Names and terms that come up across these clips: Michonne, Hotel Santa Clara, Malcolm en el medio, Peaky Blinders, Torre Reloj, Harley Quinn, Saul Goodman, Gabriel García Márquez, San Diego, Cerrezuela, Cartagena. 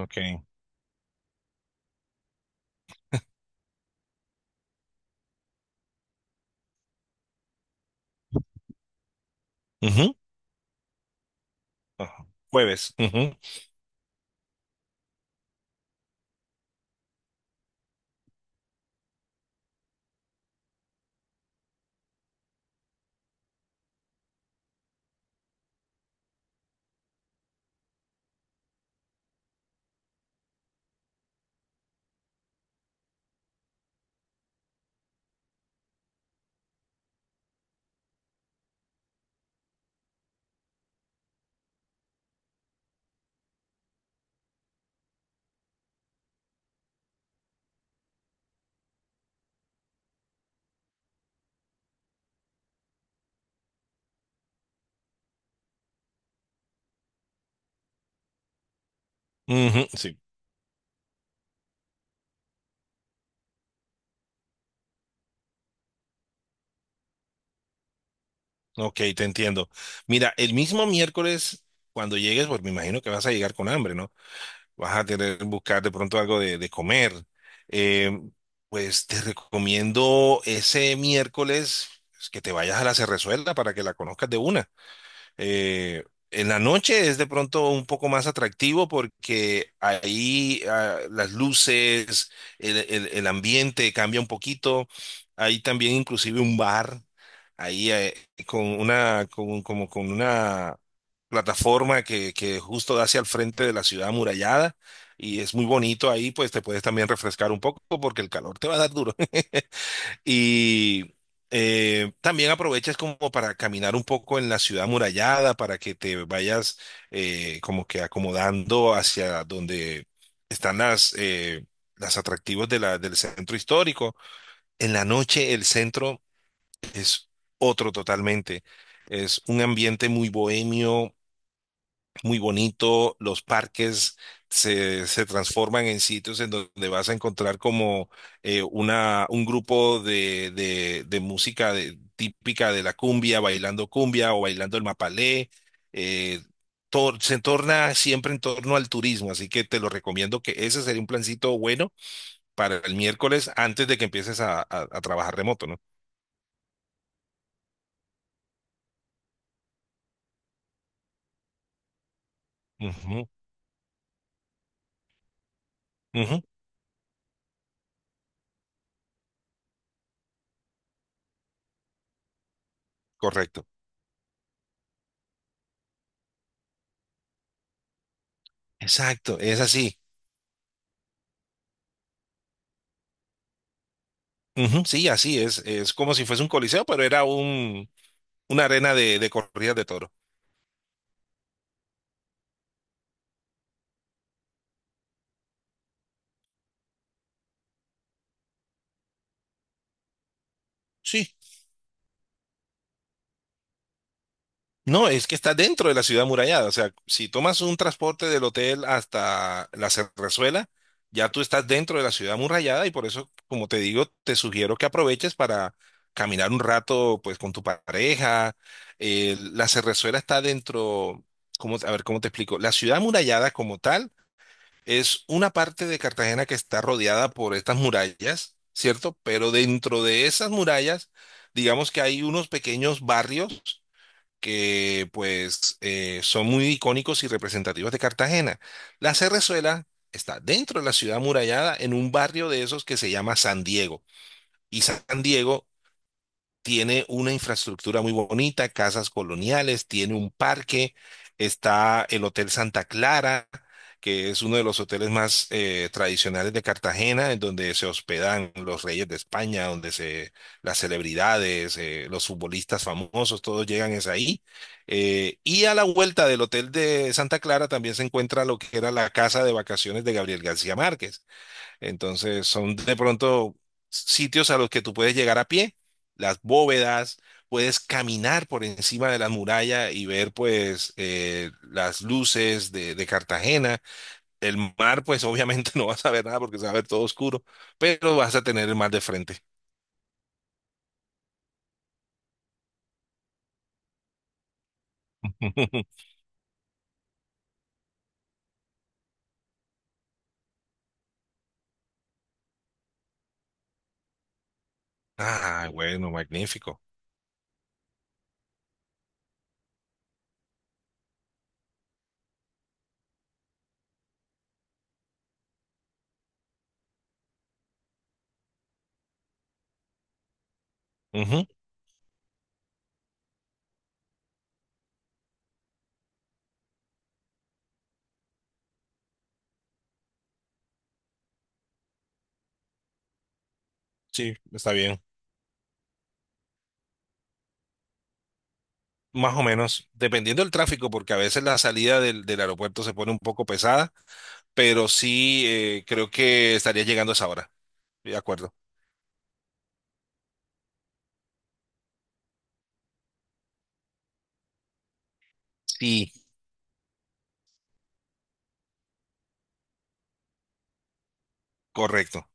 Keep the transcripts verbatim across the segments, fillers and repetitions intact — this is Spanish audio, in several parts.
Ok. Ujú, ajá. Jueves. Ujú, ujú, sí. Ok, te entiendo. Mira, el mismo miércoles, cuando llegues, pues me imagino que vas a llegar con hambre, ¿no? Vas a tener que buscar de pronto algo de, de comer. Eh, pues te recomiendo ese miércoles pues, que te vayas a la Cerrezuela para que la conozcas de una. Eh, en la noche es de pronto un poco más atractivo porque ahí ah, las luces, el, el- el ambiente cambia un poquito. Hay también inclusive un bar ahí eh, con una, con- como con una plataforma que, que justo da hacia el frente de la ciudad amurallada y es muy bonito ahí, pues te puedes también refrescar un poco porque el calor te va a dar duro. Y eh, también aprovechas como para caminar un poco en la ciudad amurallada, para que te vayas eh, como que acomodando hacia donde están las, eh, las atractivos de la, del centro histórico. En la noche el centro es otro totalmente. Es un ambiente muy bohemio, muy bonito, los parques se, se transforman en sitios en donde vas a encontrar como eh, una, un grupo de, de, de música de- típica de la cumbia, bailando cumbia o bailando el mapalé. eh, tor- Se torna siempre en torno al turismo, así que te lo recomiendo que ese sería un plancito bueno para el miércoles antes de que empieces a, a- a trabajar remoto, ¿no? Ujú, ujú, correcto. Exacto, es así. Ujú, sí, así es. Es como si fuese un coliseo, pero era un, una arena de, de corridas de toro. Sí. No, es que está dentro de la ciudad amurallada. O sea, si tomas un transporte del hotel hasta la Cerrezuela, ya tú estás dentro de la ciudad amurallada y por eso, como te digo, te sugiero que aproveches para caminar un rato, pues, con tu pareja. Eh, la Cerrezuela está dentro, ¿cómo, a ver, ¿cómo te explico? La ciudad amurallada como tal es una parte de Cartagena que está rodeada por estas murallas, ¿cierto? Pero dentro de esas murallas, digamos que hay unos pequeños barrios que pues eh, son muy icónicos y representativos de Cartagena. La Cerrezuela está dentro de la ciudad amurallada en un barrio de esos que se llama San Diego. Y San Diego tiene una infraestructura muy bonita, casas coloniales, tiene un parque, está el Hotel Santa Clara, que es uno de los hoteles más eh, tradicionales de Cartagena, en donde se hospedan los reyes de España, donde se las celebridades, eh, los futbolistas famosos, todos llegan es ahí. Eh, y a la vuelta del Hotel de Santa Clara también se encuentra lo que era la casa de vacaciones de Gabriel García Márquez. Entonces son de pronto sitios a los que tú puedes llegar a pie, las bóvedas, puedes caminar por encima de la muralla y ver pues eh, las luces de, de Cartagena. El mar pues obviamente no vas a ver nada porque se va a ver todo oscuro, pero vas a tener el mar de frente. Ah, bueno, magnífico. Ujú, sí, está bien. Más o menos, dependiendo del tráfico, porque a veces la salida del, del aeropuerto se pone un poco pesada, pero sí eh, creo que estaría llegando a esa hora. De acuerdo. Sí, correcto.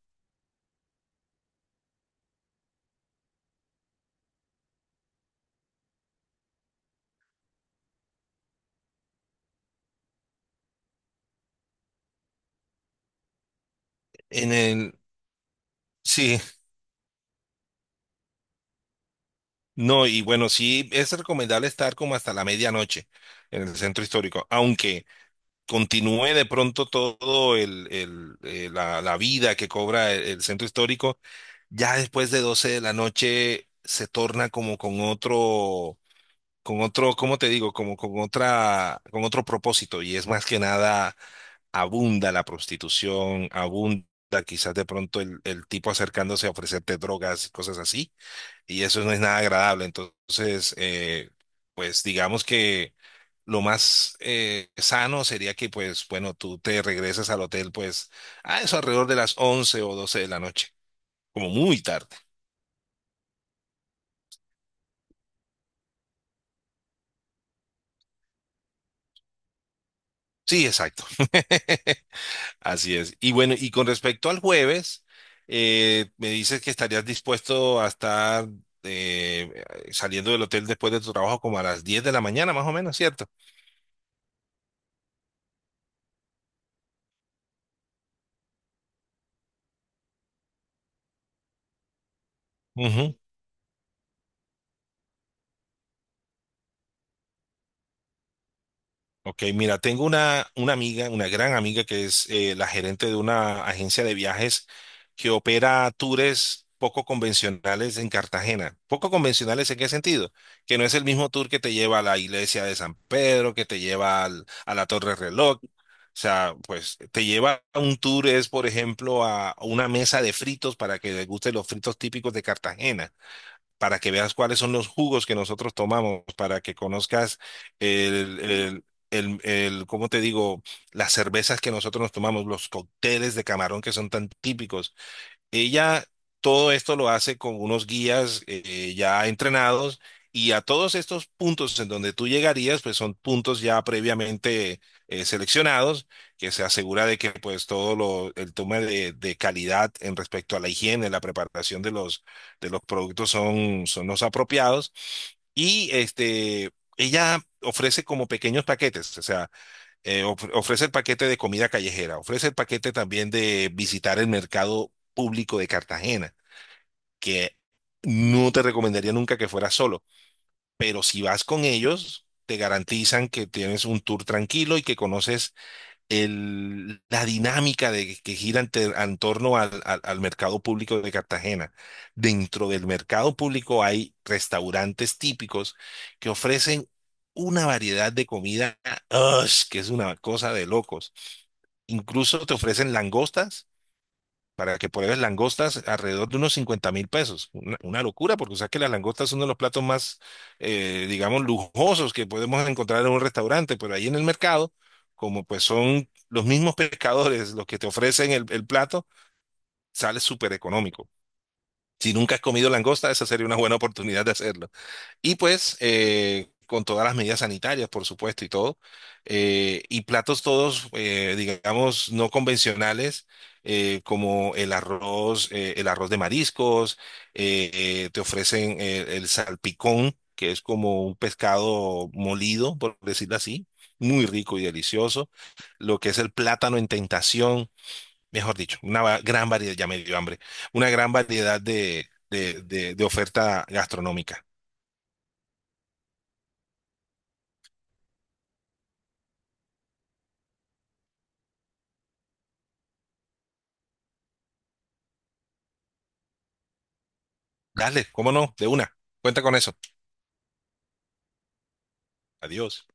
En el, sí, no, y bueno, sí es recomendable estar como hasta la medianoche en el centro histórico, aunque continúe de pronto todo el, el, eh, la, la vida que cobra el, el centro histórico, ya después de doce de la noche se torna como con otro, con otro, ¿cómo te digo? Como con otra, con otro propósito, y es más que nada abunda la prostitución, abunda quizás de pronto el, el tipo acercándose a ofrecerte drogas y cosas así, y eso no es nada agradable. Entonces, eh, pues digamos que lo más eh, sano sería que, pues, bueno, tú te regresas al hotel, pues, a eso alrededor de las once o doce de la noche, como muy tarde. Sí, exacto. Así es. Y bueno, y con respecto al jueves, eh, me dices que estarías dispuesto a estar eh, saliendo del hotel después de tu trabajo como a las diez de la mañana, más o menos, ¿cierto? Ujú. Ok, mira, tengo una, una amiga, una gran amiga que es eh, la gerente de una agencia de viajes que opera tours poco convencionales en Cartagena. ¿Poco convencionales en qué sentido? Que no es el mismo tour que te lleva a la iglesia de San Pedro, que te lleva al- a la Torre Reloj. O sea, pues te lleva a un tour, es por ejemplo a una mesa de fritos para que guste los fritos típicos de Cartagena para que veas cuáles son los jugos que nosotros tomamos, para que conozcas el, el, el, el, ¿cómo te digo? Las cervezas que nosotros nos tomamos, los cócteles de camarón que son tan típicos. Ella todo esto lo hace con unos guías eh, ya entrenados y a todos estos puntos en donde tú llegarías, pues son puntos ya previamente eh, seleccionados, que se asegura de que pues todo lo, el tema de, de calidad en respecto a la higiene, la preparación de los, de los productos son, son los apropiados. Y este, ella ofrece como pequeños paquetes, o sea, eh, of- ofrece el paquete de comida callejera, ofrece el paquete también de visitar el mercado público de Cartagena, que no te recomendaría nunca que fueras solo, pero si vas con ellos, te garantizan que tienes un tour tranquilo y que conoces el- la dinámica de, que gira ante- en torno al, al al mercado público de Cartagena. Dentro del mercado público hay restaurantes típicos que ofrecen una variedad de comida, ¡ush! Que es una cosa de locos. Incluso te ofrecen langostas para que pruebes langostas alrededor de unos cincuenta mil pesos. Una, una locura, porque sabes que las langostas son uno de los platos más, eh, digamos, lujosos que podemos encontrar en un restaurante, pero ahí en el mercado, como pues son los mismos pescadores los que te ofrecen el, el plato, sale súper económico. Si nunca has comido langosta, esa sería una buena oportunidad de hacerlo. Y pues eh, con todas las medidas sanitarias, por supuesto, y todo. Eh, y platos todos, eh, digamos, no convencionales, eh, como el arroz, eh, el arroz de mariscos, eh, eh, te ofrecen eh, el salpicón, que es como un pescado molido, por decirlo así, muy rico y delicioso. Lo que es el plátano en tentación, mejor dicho, una va- gran variedad, ya me dio hambre, una gran variedad de, de de- de oferta gastronómica. Dale, cómo no, de una. Cuenta con eso. Adiós.